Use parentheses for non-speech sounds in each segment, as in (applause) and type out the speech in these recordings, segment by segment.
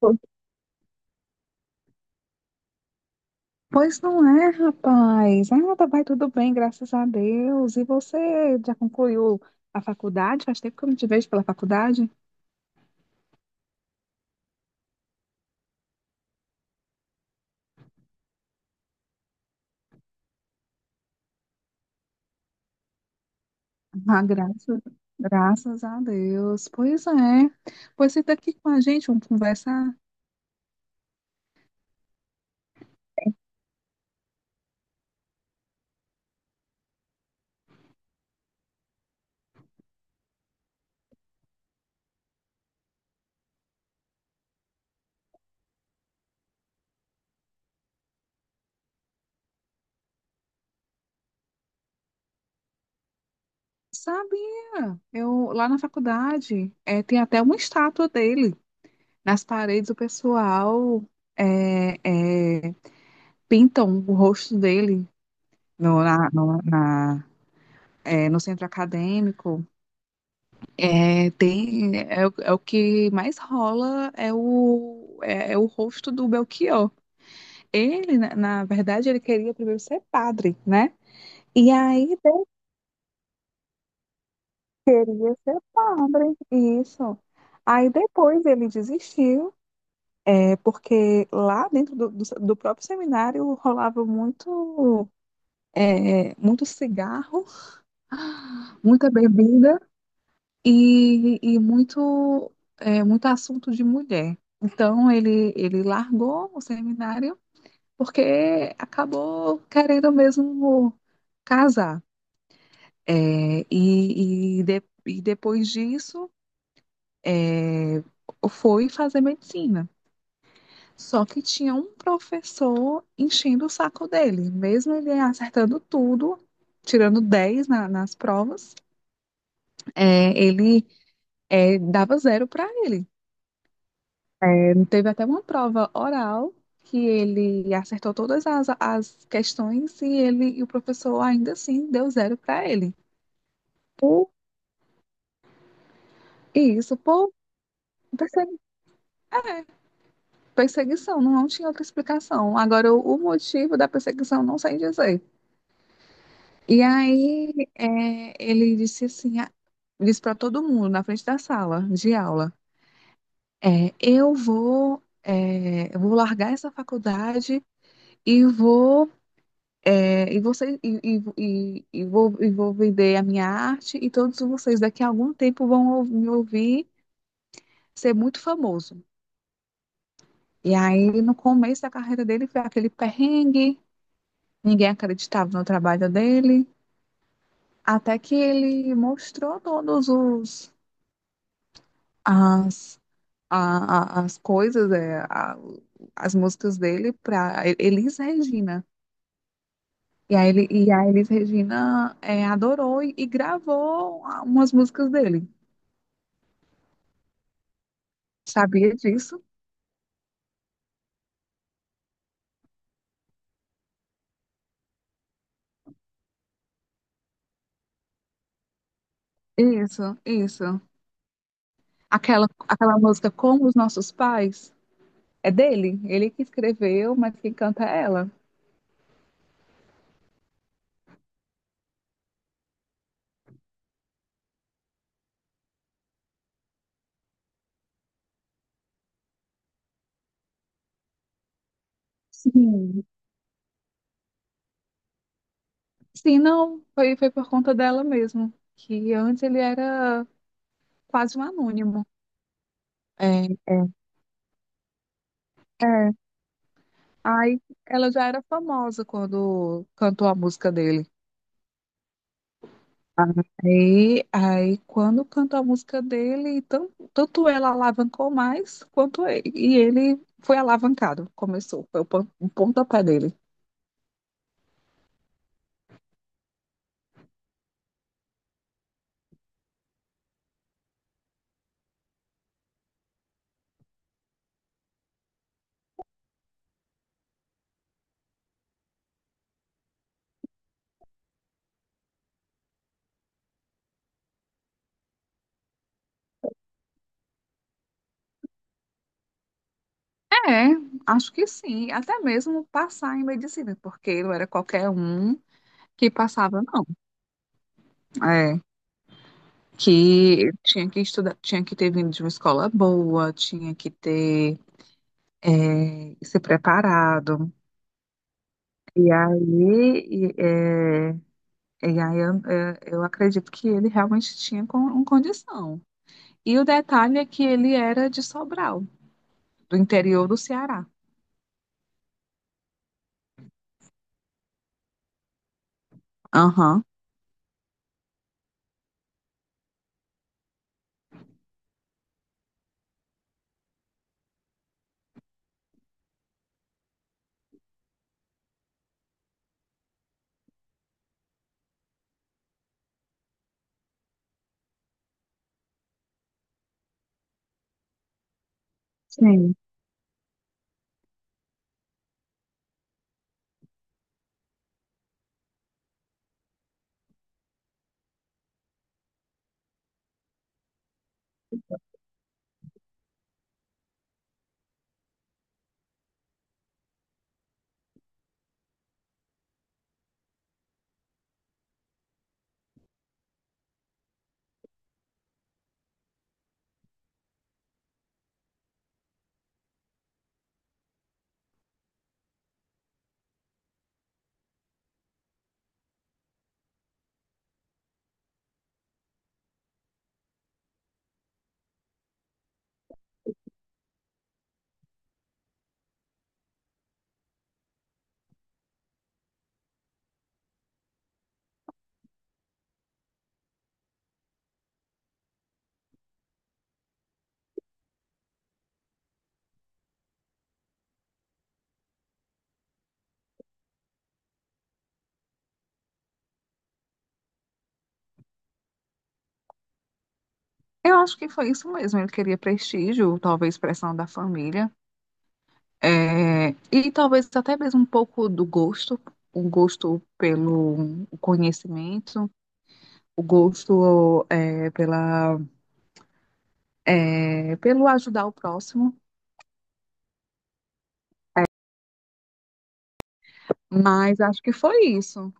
Po- Pois não é, rapaz. Ah, vai tudo bem, graças a Deus. E você já concluiu a faculdade? Faz tempo que eu não te vejo pela faculdade. Ah, graças a Deus. Pois é. Pois você senta aqui com a gente, vamos conversar. Sabia? Eu lá na faculdade tem até uma estátua dele. Nas paredes o pessoal é, é, pintam o rosto dele no, na, no, na- no centro acadêmico. É, tem, é, é o é o que mais rola é o rosto do Belchior. Na verdade, ele queria primeiro ser padre, né? E aí ele queria ser padre, isso. Aí depois ele desistiu, porque lá dentro do próprio seminário rolava muito, muito cigarro, (gasps) muita bebida, e muito assunto de mulher. Então ele largou o seminário porque acabou querendo mesmo casar. E depois disso é, foi fazer medicina. Só que tinha um professor enchendo o saco dele, mesmo ele acertando tudo, tirando 10 nas provas, ele dava zero para ele. Teve até uma prova oral que ele acertou todas as questões e o professor ainda assim deu zero para ele. Por, isso por persegui- é, perseguição, não tinha outra explicação. Agora, o motivo da perseguição não sei dizer. E aí, ele disse assim, disse para todo mundo na frente da sala de aula, eu vou largar essa faculdade e vou É, e, você, e, e vou vender a minha arte e todos vocês daqui a algum tempo vão me ouvir ser muito famoso. E aí, no começo da carreira dele, foi aquele perrengue, ninguém acreditava no trabalho dele, até que ele mostrou todos os as, a- as coisas, as músicas dele para Elis Regina. E a Elis Regina adorou e gravou umas músicas dele. Sabia disso? Isso, isso. Aquela música Como os Nossos Pais é dele. Ele que escreveu, mas quem canta é ela. Sim. Sim, não, foi por conta dela mesmo. Que antes ele era quase um anônimo. É, é. É. Aí ela já era famosa quando cantou a música dele. Aí quando cantou a música dele, tanto ela alavancou mais, quanto ele, e ele foi alavancado, começou, foi o pontapé dele. É, acho que sim, até mesmo passar em medicina, porque não era qualquer um que passava, não. É, que tinha que estudar, tinha que ter vindo de uma escola boa, tinha que ter se preparado. E aí, E aí eu acredito que ele realmente tinha um condição. E o detalhe é que ele era de Sobral, do interior do Ceará. Aham. Sim. Eu acho que foi isso mesmo. Ele queria prestígio, talvez pressão da família, e talvez até mesmo um pouco do gosto, o gosto pelo conhecimento, o gosto pelo ajudar o próximo. Mas acho que foi isso.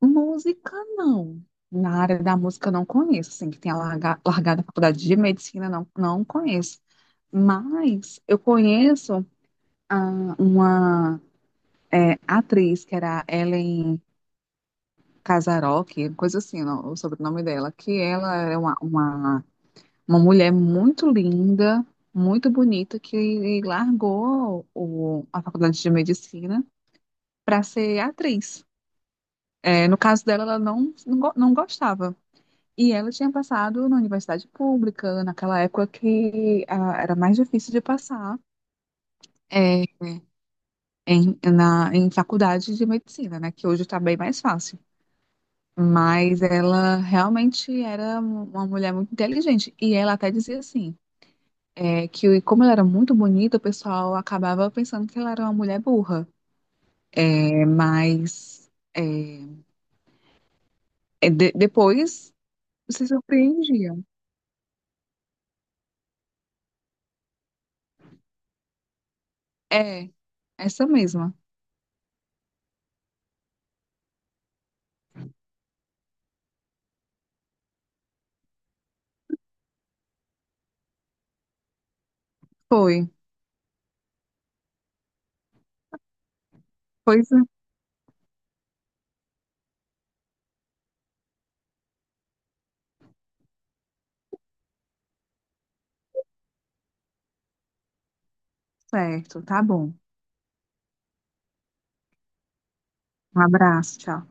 Música, não. Na área da música, eu não conheço. Assim, que tenha largado a faculdade de medicina, não, não conheço. Mas eu conheço uma atriz que era Ellen Casarocki, coisa assim, não, o sobrenome dela, que ela era uma mulher muito linda, muito bonita, que largou a faculdade de medicina para ser atriz. No caso dela, ela não gostava. E ela tinha passado na universidade pública, naquela época que era mais difícil de passar é, em faculdade de medicina, né? Que hoje está bem mais fácil. Mas ela realmente era uma mulher muito inteligente. E ela até dizia assim, que como ela era muito bonita, o pessoal acabava pensando que ela era uma mulher burra. Mas depois se surpreendiam. É, essa mesma. Foi. Pois é. Certo, tá bom. Um abraço, tchau.